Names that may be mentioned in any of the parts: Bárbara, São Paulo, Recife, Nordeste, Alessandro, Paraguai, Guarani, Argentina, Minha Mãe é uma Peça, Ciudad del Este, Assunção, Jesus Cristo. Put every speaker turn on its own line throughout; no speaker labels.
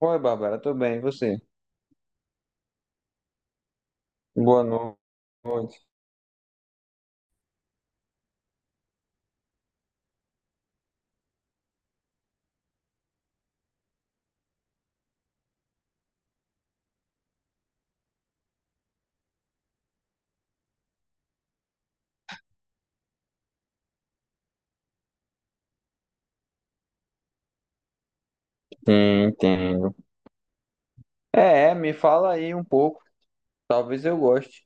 Oi, Bárbara, tudo bem? E você? Boa no- noite. Sim, entendo. É, me fala aí um pouco. Talvez eu goste.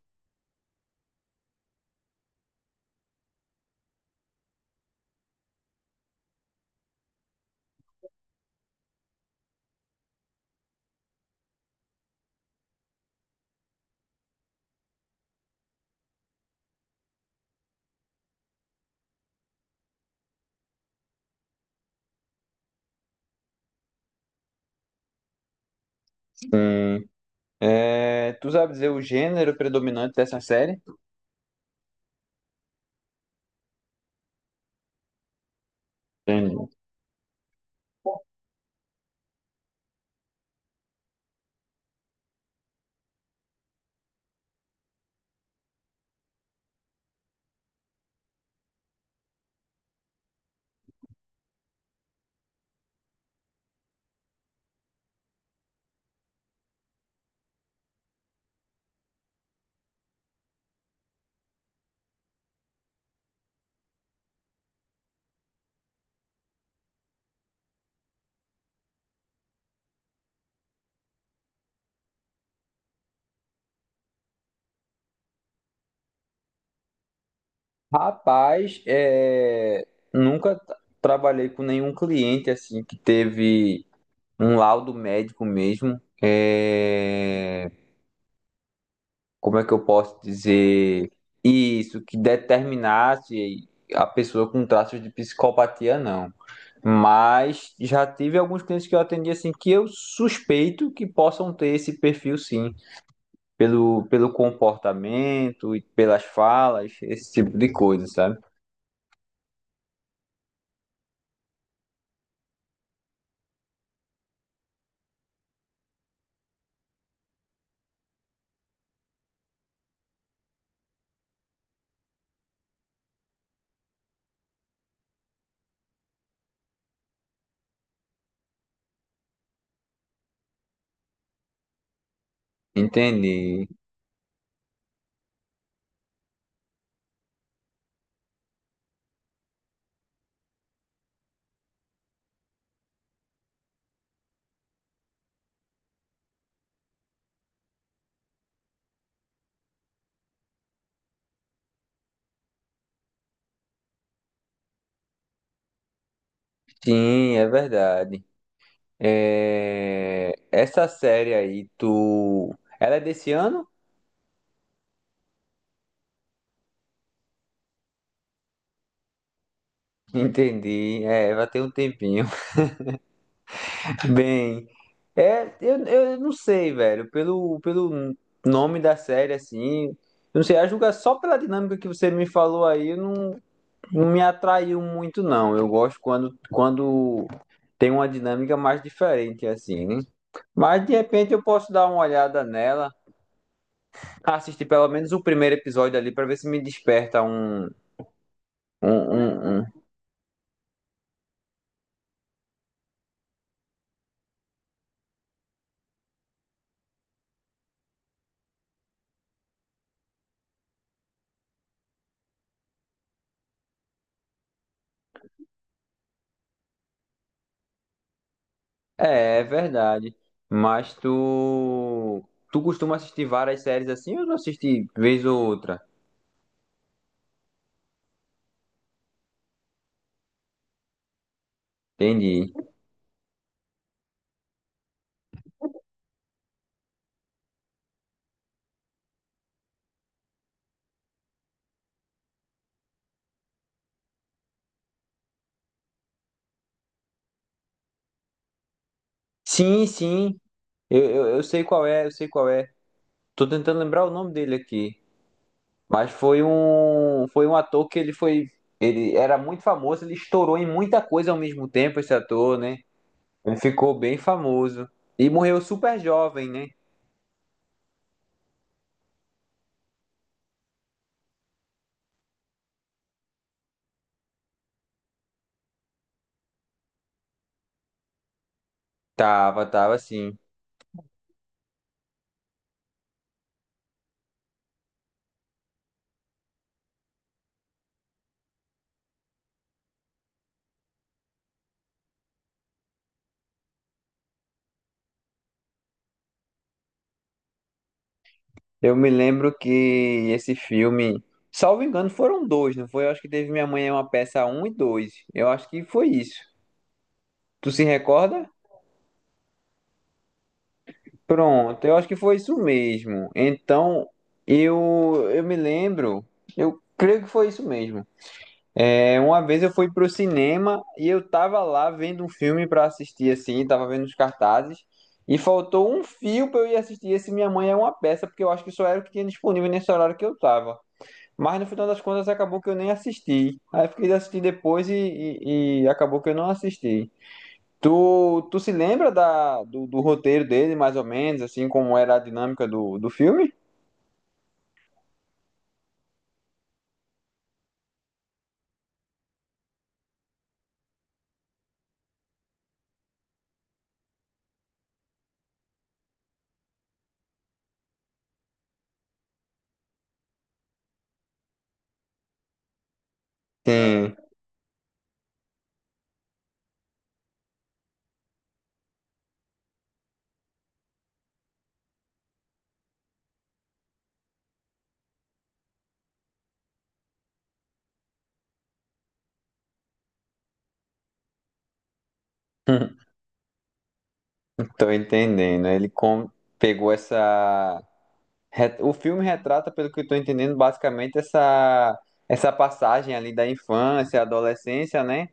Sim. É, tu sabe dizer o gênero predominante dessa série? Entendi. Rapaz, é, nunca t- trabalhei com nenhum cliente assim que teve um laudo médico mesmo. É, como é que eu posso dizer isso, que determinasse a pessoa com traços de psicopatia, não. Mas já tive alguns clientes que eu atendi assim que eu suspeito que possam ter esse perfil sim, pelo comportamento e pelas falas, esse tipo de coisa, sabe? Entendi. Sim, é verdade. É, essa série aí, tu. Ela é desse ano? Entendi. É, vai ter um tempinho. Bem, é, eu não sei, velho, pelo nome da série, assim, eu não sei, a julgar só pela dinâmica que você me falou aí, não, não me atraiu muito, não. Eu gosto quando, quando tem uma dinâmica mais diferente, assim, né? Mas de repente eu posso dar uma olhada nela, assistir pelo menos o primeiro episódio ali pra ver se me desperta um, um, um é, é verdade. Mas tu. Tu costuma assistir várias séries assim ou não assiste vez ou outra? Entendi. Sim, sim. Eu sei qual é, eu sei qual é. Tô tentando lembrar o nome dele aqui. Mas foi um. Foi um ator que ele foi. Ele era muito famoso, ele estourou em muita coisa ao mesmo tempo, esse ator, né? Ele ficou bem famoso. E morreu super jovem, né? Tava, tava assim. Eu me lembro que esse filme, salvo engano, foram dois, não foi? Eu acho que teve Minha Mãe é uma Peça um e 2. Eu acho que foi isso. Tu se recorda? Pronto, eu acho que foi isso mesmo. Então, eu me lembro, eu creio que foi isso mesmo. É, uma vez eu fui pro cinema e eu tava lá vendo um filme pra assistir assim, tava vendo os cartazes. E faltou um fio pra eu ir assistir esse Minha Mãe é uma Peça, porque eu acho que só era o que tinha disponível nesse horário que eu tava. Mas no final das contas acabou que eu nem assisti. Aí eu fiquei de assistir depois e acabou que eu não assisti. Tu se lembra da, do, do roteiro dele, mais ou menos, assim, como era a dinâmica do, do filme? Sim, tô entendendo. Pegou essa. O filme retrata, pelo que eu tô entendendo, basicamente essa, essa passagem ali da infância, adolescência, né?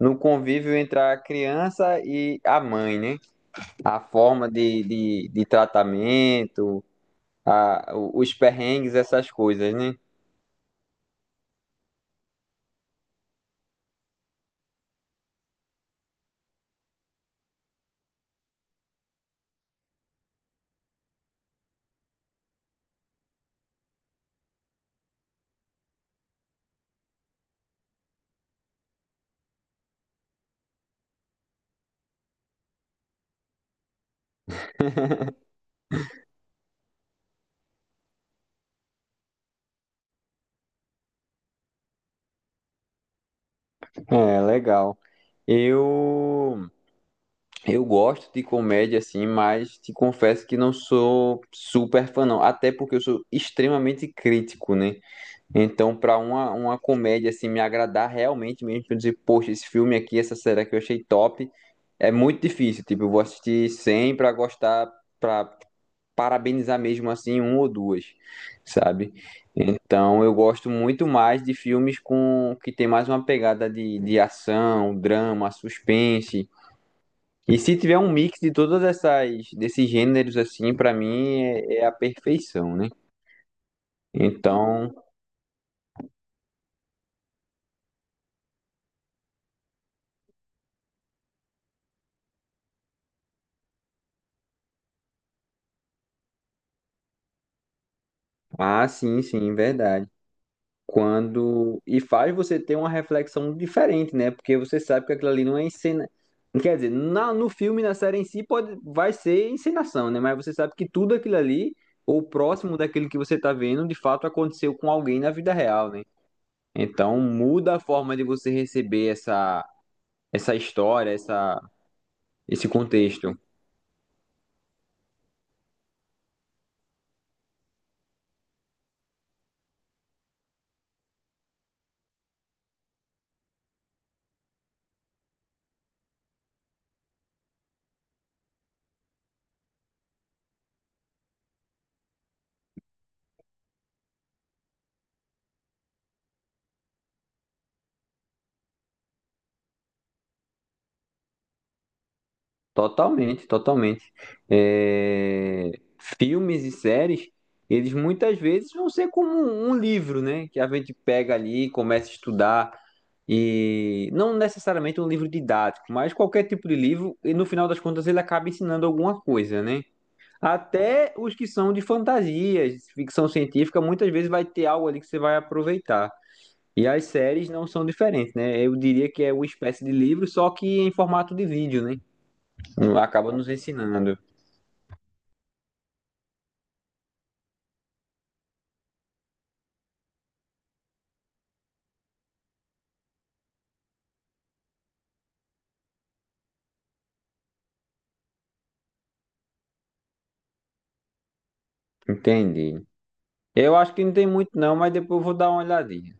No convívio entre a criança e a mãe, né? A forma de tratamento, a, os perrengues, essas coisas, né? É, legal. Eu, eu gosto de comédia, assim, mas te confesso que não sou super fã, não. Até porque eu sou extremamente crítico, né? Então, para uma comédia, assim, me agradar realmente mesmo, pra eu dizer, poxa, esse filme aqui, essa série que eu achei top, é muito difícil. Tipo, eu vou assistir 100 pra gostar, pra, parabenizar mesmo assim um ou duas, sabe? Então eu gosto muito mais de filmes com que tem mais uma pegada de ação, drama, suspense. E se tiver um mix de todas essas desses gêneros assim, pra mim é, é a perfeição, né? Então, ah, sim, sim, verdade. Quando e faz você ter uma reflexão diferente, né? Porque você sabe que aquilo ali não é encena, quer dizer, na, no filme, na série em si pode vai ser encenação, né? Mas você sabe que tudo aquilo ali ou próximo daquilo que você tá vendo, de fato aconteceu com alguém na vida real, né? Então muda a forma de você receber essa essa história, essa esse contexto. Totalmente, totalmente. É, filmes e séries, eles muitas vezes vão ser como um livro, né? Que a gente pega ali, começa a estudar, e não necessariamente um livro didático, mas qualquer tipo de livro, e no final das contas ele acaba ensinando alguma coisa, né? Até os que são de fantasias, ficção científica, muitas vezes vai ter algo ali que você vai aproveitar. E as séries não são diferentes, né? Eu diria que é uma espécie de livro, só que em formato de vídeo, né? Acaba nos ensinando. Entendi. Eu acho que não tem muito não, mas depois eu vou dar uma olhadinha.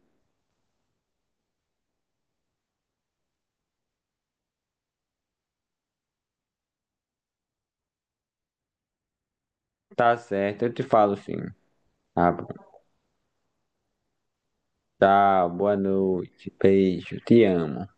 Tá certo, eu te falo sim. Tá bom. Tá, boa noite. Beijo, te amo.